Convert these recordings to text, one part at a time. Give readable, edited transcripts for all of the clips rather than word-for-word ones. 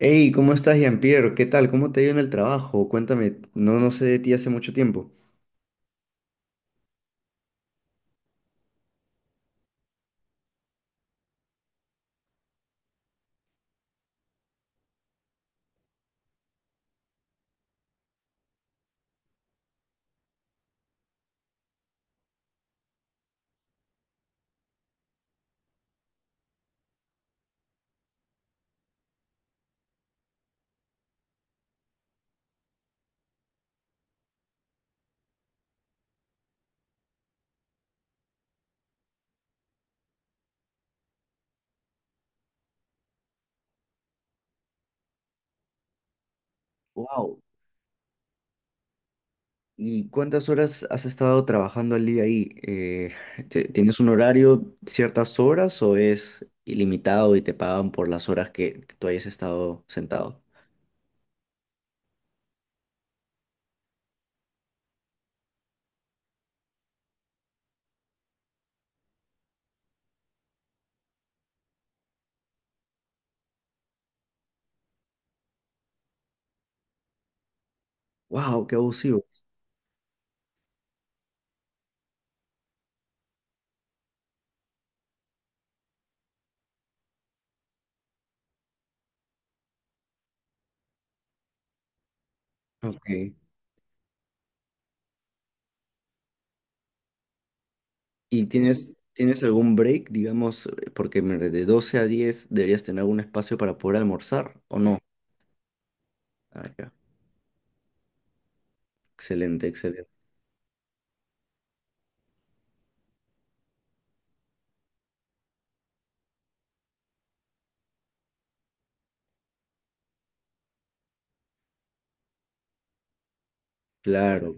Hey, ¿cómo estás, Jean-Pierre? ¿Qué tal? ¿Cómo te ha ido en el trabajo? Cuéntame, no, no sé de ti hace mucho tiempo. Wow. ¿Y cuántas horas has estado trabajando al día ahí? Tienes un horario, ciertas horas o es ilimitado y te pagan por las horas que tú hayas estado sentado? Wow, qué abusivo. Ok. ¿Y tienes, tienes algún break, digamos, porque de 12 a 10 deberías tener algún espacio para poder almorzar o no? Ah, ya. Excelente, excelente. Claro.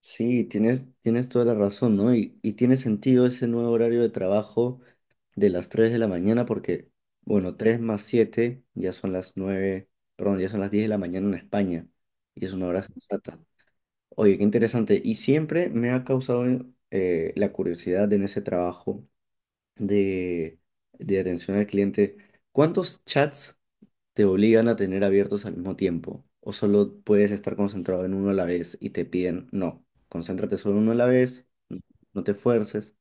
Sí, tienes, tienes toda la razón, ¿no? Y tiene sentido ese nuevo horario de trabajo de las 3 de la mañana porque, bueno, 3 más 7 ya son las 9, perdón, ya son las 10 de la mañana en España y es una hora sensata. Oye, qué interesante. Y siempre me ha causado la curiosidad en ese trabajo de, de atención al cliente. ¿Cuántos chats te obligan a tener abiertos al mismo tiempo? ¿O solo puedes estar concentrado en uno a la vez y te piden, no, concéntrate solo en uno a la vez, no, no te fuerces?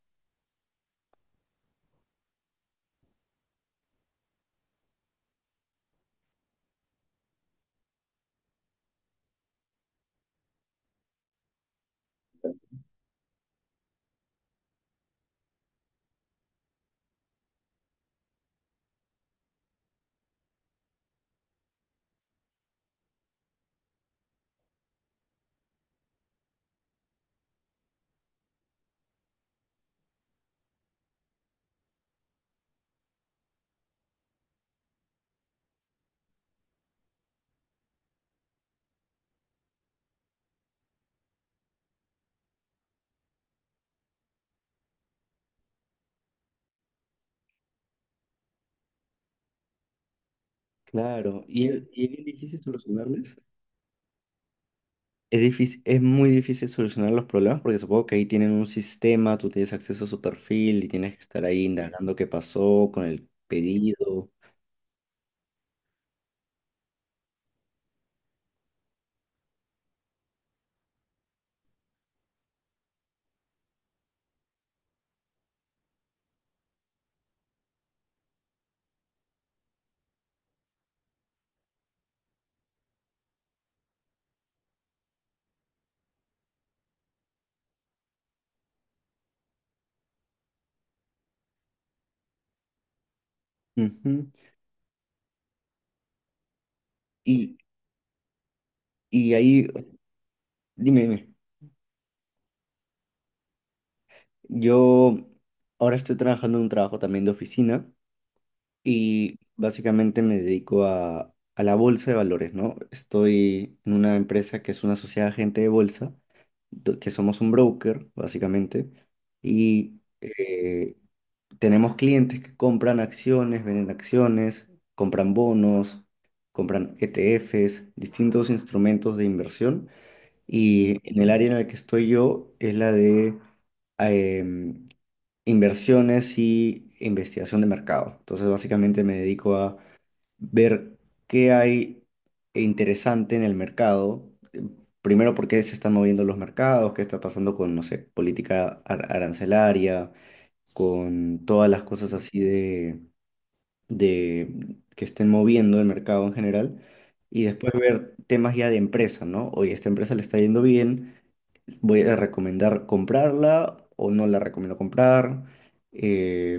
Claro, y es bien difícil solucionarles. Es difícil, es muy difícil solucionar los problemas porque supongo que ahí tienen un sistema, tú tienes acceso a su perfil y tienes que estar ahí indagando qué pasó con el pedido. Ujú. Y, y ahí, dime, dime, yo ahora estoy trabajando en un trabajo también de oficina y básicamente me dedico a la bolsa de valores, ¿no? Estoy en una empresa que es una sociedad de agente de bolsa, que somos un broker, básicamente, y tenemos clientes que compran acciones, venden acciones, compran bonos, compran ETFs, distintos instrumentos de inversión, y en el área en la que estoy yo es la de em, inversiones y investigación de mercado. Entonces, básicamente me dedico a ver qué hay interesante en el mercado. Primero, por qué se están moviendo los mercados, qué está pasando con, no sé, política arancelaria, con todas las cosas así de que estén moviendo el mercado en general. Y después ver temas ya de empresa, ¿no? Oye, esta empresa le está yendo bien, voy a recomendar comprarla o no la recomiendo comprar. eh,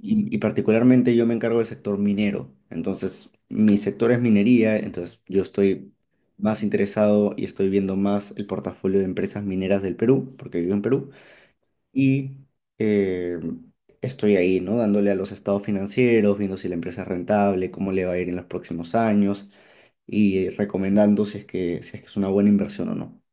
y particularmente yo me encargo del sector minero. Entonces, mi sector es minería, entonces yo estoy más interesado y estoy viendo más el portafolio de empresas mineras del Perú, porque vivo en Perú. Y eh, estoy ahí, ¿no? Dándole a los estados financieros, viendo si la empresa es rentable, cómo le va a ir en los próximos años y recomendando si es que es una buena inversión o no.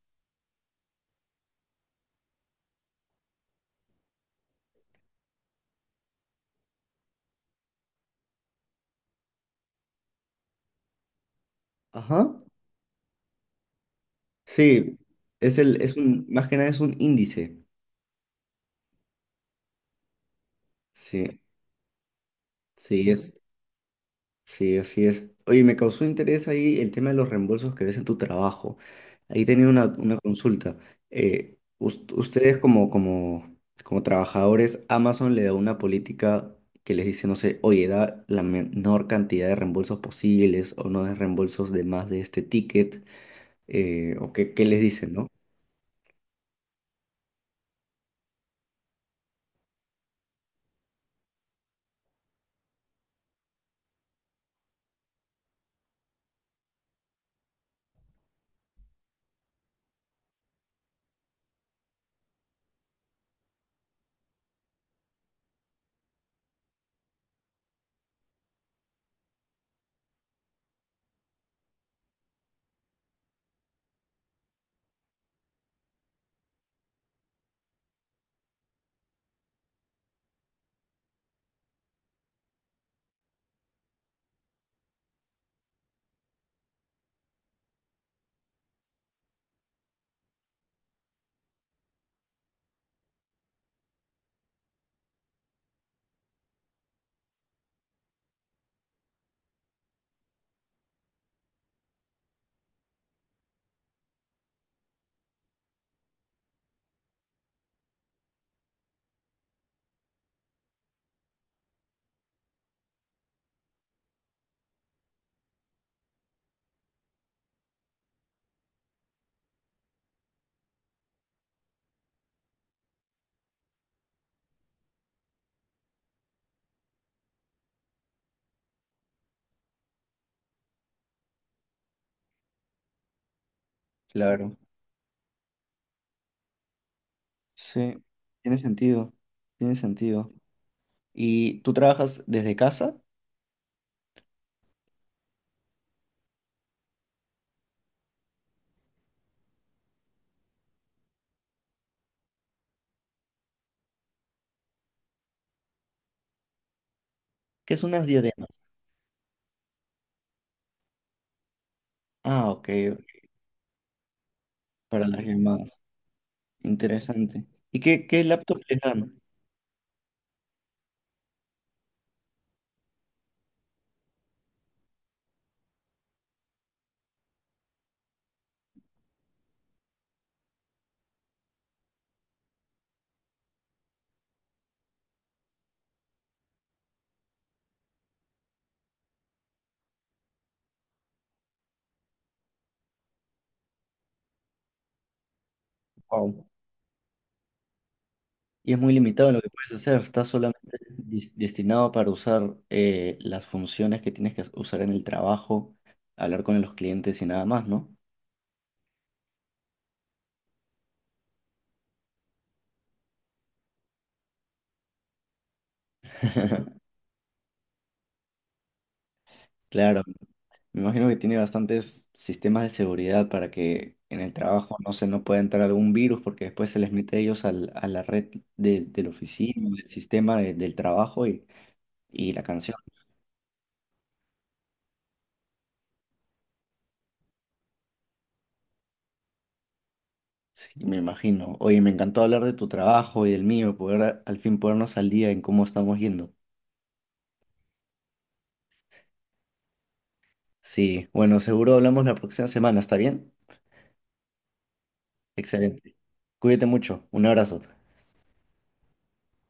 Ajá. Sí, es el, es un, más que nada es un índice. Sí, sí es, sí, así es. Oye, me causó interés ahí el tema de los reembolsos que ves en tu trabajo. Ahí tenía una consulta. Ustedes como trabajadores, Amazon le da una política que les dice, no sé, oye, da la menor cantidad de reembolsos posibles o no de reembolsos de más de este ticket, o qué, qué les dicen, ¿no? Claro, sí, tiene sentido, tiene sentido. Y tú trabajas desde casa, ¿qué son unas diademas? Ah, ok, para las llamadas. Interesante. ¿Y qué, qué laptop les dan? Wow. Y es muy limitado lo que puedes hacer. Está solamente destinado para usar las funciones que tienes que usar en el trabajo, hablar con los clientes y nada más, ¿no? Claro. Me imagino que tiene bastantes sistemas de seguridad para que en el trabajo no pueda entrar algún virus porque después se les mete a ellos a la red de la oficina, del trabajo y la canción. Sí, me imagino. Oye, me encantó hablar de tu trabajo y del mío, poder al fin ponernos al día en cómo estamos yendo. Sí, bueno, seguro hablamos la próxima semana, ¿está bien? Excelente. Cuídate mucho. Un abrazo.